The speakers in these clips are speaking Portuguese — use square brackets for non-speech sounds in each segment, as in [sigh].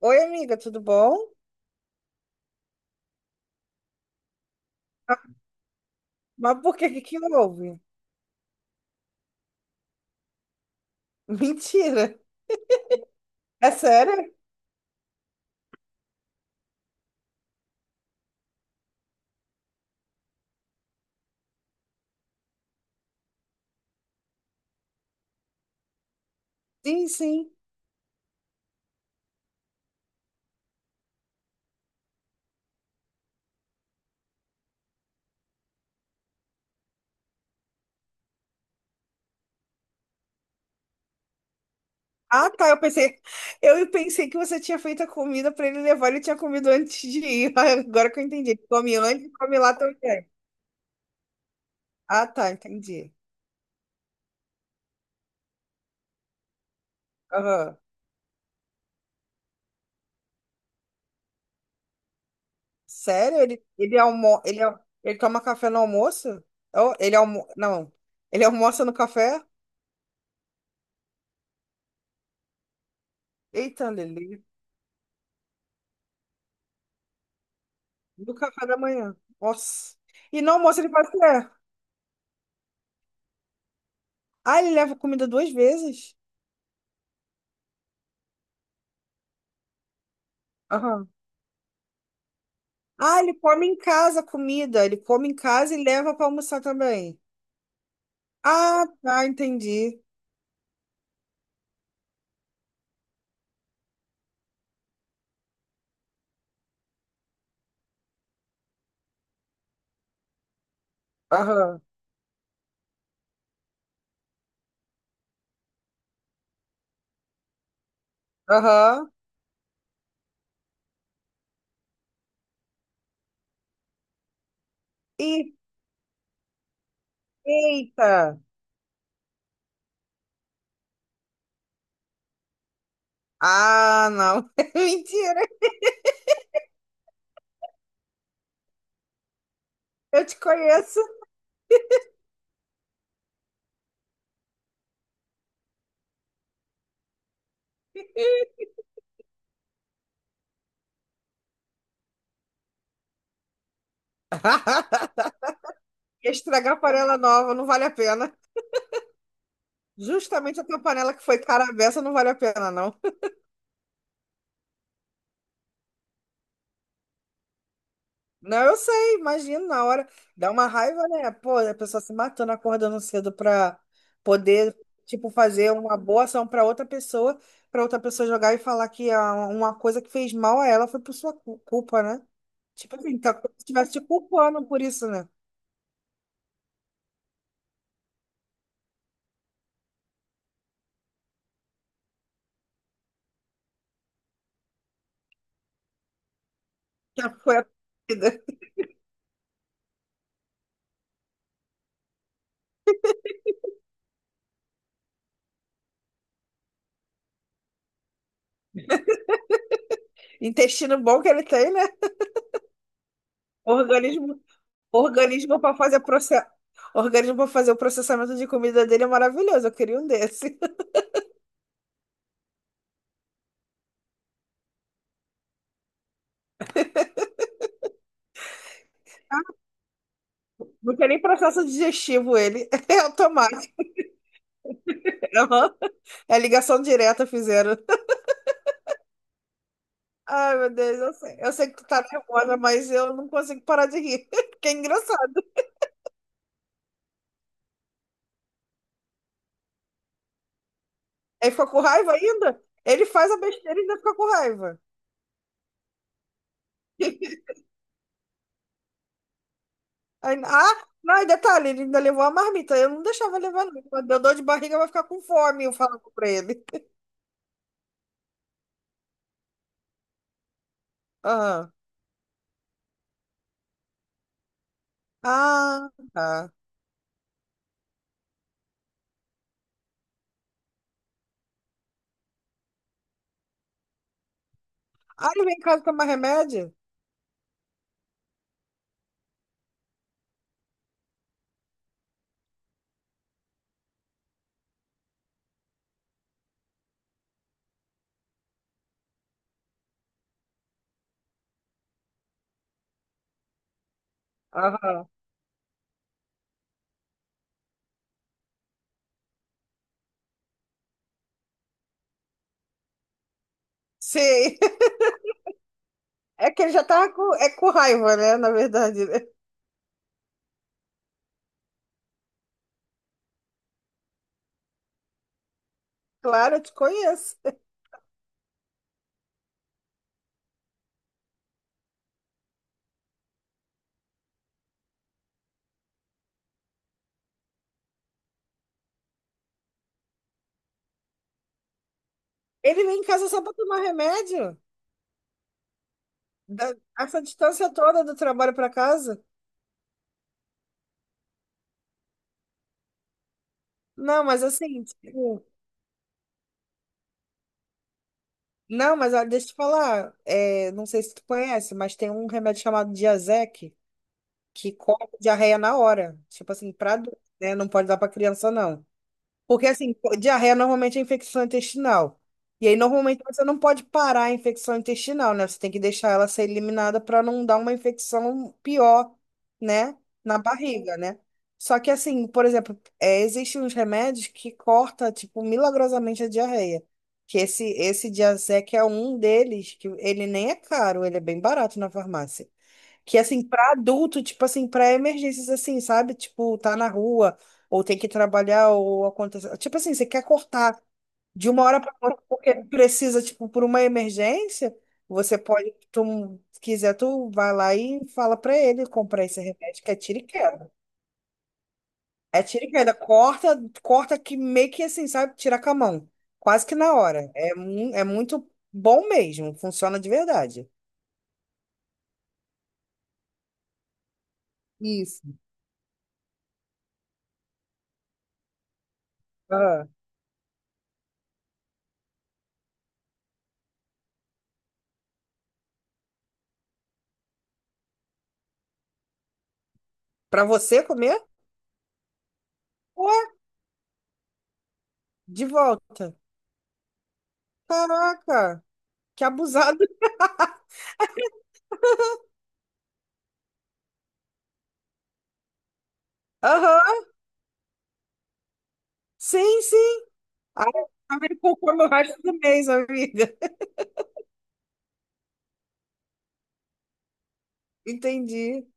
Oi, amiga, tudo bom? Ah, mas por que houve? Mentira. É sério? Sim, sim. Ah, tá, eu pensei que você tinha feito a comida para ele levar, ele tinha comido antes de ir. [laughs] Agora que eu entendi. Ele come antes e come lá também. Ah, tá, entendi. Aham. Sério? Ele toma café no almoço? Oh, não. Ele almoça no café? Eita, Lili. No café da manhã. Nossa. E no almoço ele faz o quê? Ah, ele leva comida duas vezes? Aham. Ah, ele come em casa a comida. Ele come em casa e leva para almoçar também. Ah, tá, entendi. Aham. Aham. E, eita! Ah, não. [laughs] Mentira, eu te conheço. [laughs] Estragar panela nova não vale a pena. Justamente a tua panela que foi cara à beça não vale a pena, não. Não, eu sei, imagino na hora. Dá uma raiva, né? Pô, a pessoa se matando, acordando cedo pra poder, tipo, fazer uma boa ação pra outra pessoa jogar e falar que uma coisa que fez mal a ela foi por sua culpa, né? Tipo assim, tá como se estivesse te culpando por isso, né? Que foi a vida. Intestino bom que ele tem, né? Organismo, organismo para fazer processo. Organismo para fazer o processamento de comida dele é maravilhoso. Eu queria um desse. [laughs] Não tem nem processo digestivo ele. [laughs] É automático. Aham. É ligação direta fizeram. Ai, meu Deus, eu sei que tu tá nervosa, mas eu não consigo parar de rir. [laughs] Que é engraçado. Aí ficou com raiva ainda? Ele faz a besteira e ainda fica com raiva. [laughs] Ah, não, e detalhe, ele ainda levou a marmita. Eu não deixava levar, não. Quando deu dor de barriga, vai ficar com fome, eu falava pra ele. Aham. Ah, tá. Ah, ele vem em casa tomar remédio? Aham. Sim. [laughs] É que ele já tava com, é com raiva, né? Na verdade. Né? Claro, eu te conheço. Ele vem em casa só para tomar remédio? Essa distância toda do trabalho para casa? Não, mas assim, tipo, não, mas ó, deixa eu te falar, é, não sei se tu conhece, mas tem um remédio chamado Diazec que corta diarreia na hora. Tipo assim, pra, adulto, né? Não pode dar pra criança, não. Porque, assim, diarreia normalmente é infecção intestinal. E aí, normalmente, você não pode parar a infecção intestinal, né? Você tem que deixar ela ser eliminada para não dar uma infecção pior, né? Na barriga, né? Só que, assim, por exemplo, é, existem uns remédios que corta, tipo, milagrosamente a diarreia. Que esse Diazec é um deles, que ele nem é caro, ele é bem barato na farmácia. Que assim, pra adulto, tipo assim, pra emergências assim, sabe? Tipo, tá na rua, ou tem que trabalhar, ou acontece. Tipo assim, você quer cortar de uma hora pra outra, porque precisa, tipo, por uma emergência, você pode, tu se quiser, tu vai lá e fala pra ele comprar esse remédio, que é tiro e queda. É tiro e queda, corta, corta que meio que assim, sabe? Tira com a mão. Quase que na hora. É, é muito bom mesmo, funciona de verdade. Isso. Ah. Pra você comer? De volta. Caraca, que abusado. Aham, sim, sim. Ah, tá me poupando o resto do mês, amiga. Entendi.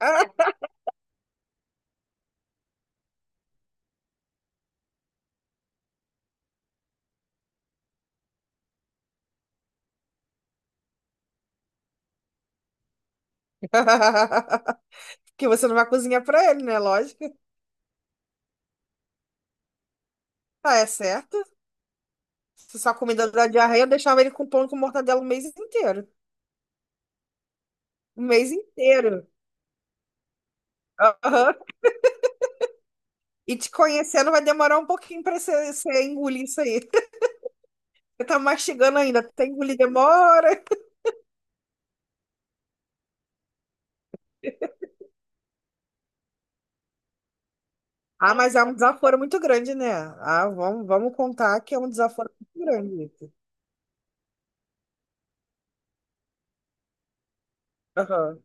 Ah. [laughs] Porque você não vai cozinhar pra ele, né? Lógico. Ah, é certo. Se sua comida da diarreia, eu deixava ele com pão com mortadela o mês inteiro. O mês inteiro. Aham. E te conhecendo vai demorar um pouquinho pra você engolir isso aí. [laughs] Você tá mastigando ainda. Até engolir demora. Ah, mas é um desaforo muito grande, né? Ah, vamos contar que é um desaforo muito grande. Isso. Aham.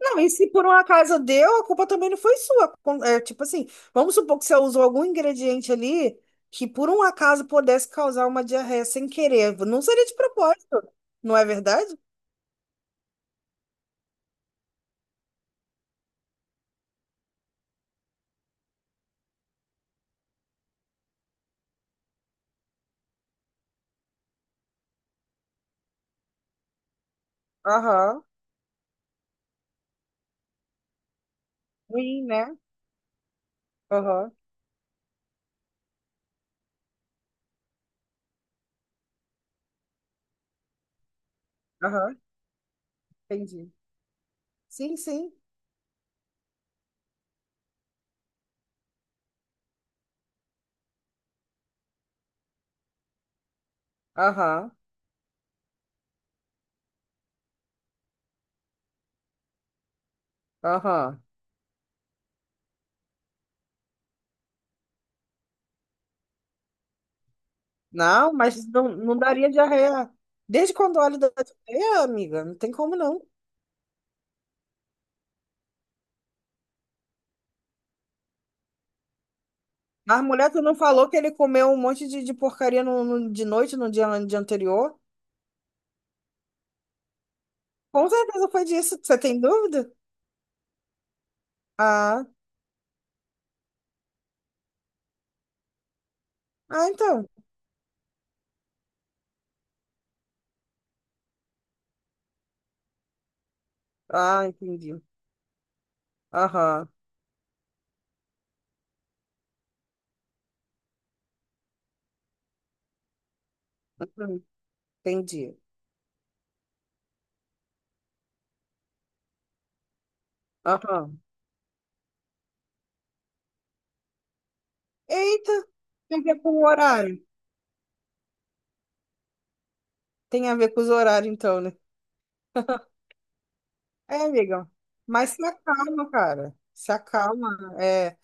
Não, e se por um acaso deu, a culpa também não foi sua. É, tipo assim, vamos supor que você usou algum ingrediente ali que por um acaso pudesse causar uma diarreia sem querer. Não seria de propósito, não é verdade? Aham. Ruim, né? Aham. Aham. Entendi. Sim, sim. Aham. Aham. Não, mas não daria diarreia. Desde quando olha da diarreia, amiga, não tem como não. Mas mulher, tu não falou que ele comeu um monte de porcaria de noite, no dia anterior? Com certeza foi disso. Você tem dúvida? Ah, ah, então. Ah, entendi. Aham. Uhum, entendi. Aham. Eita, tem a ver com o horário. Tem a ver com os horários, então, né? É, amiga. Mas se acalma, cara. Se acalma. É.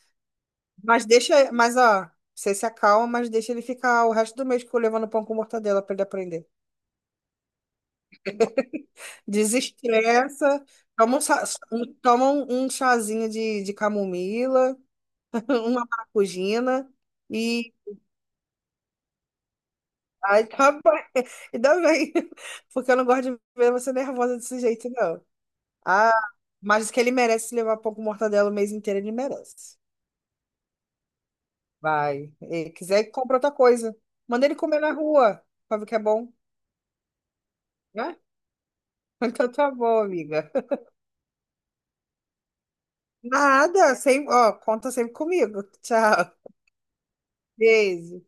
Mas deixa. Mas, ó, você se acalma, mas deixa ele ficar o resto do mês tipo, levando pão com mortadela pra ele aprender. Desestressa, toma toma um chazinho de camomila, [laughs] uma maracujina e. Ai, tá bem. [laughs] Ainda bem, porque eu não gosto de ver você nervosa desse jeito, não. Ah, mas que ele merece levar pão com mortadela o mês inteiro, ele merece. Vai. E quiser, compra outra coisa. Manda ele comer na rua, pra ver que é bom, né? [laughs] Então tá bom, amiga. Nada, sem, ó, conta sempre comigo. Tchau. Beijo.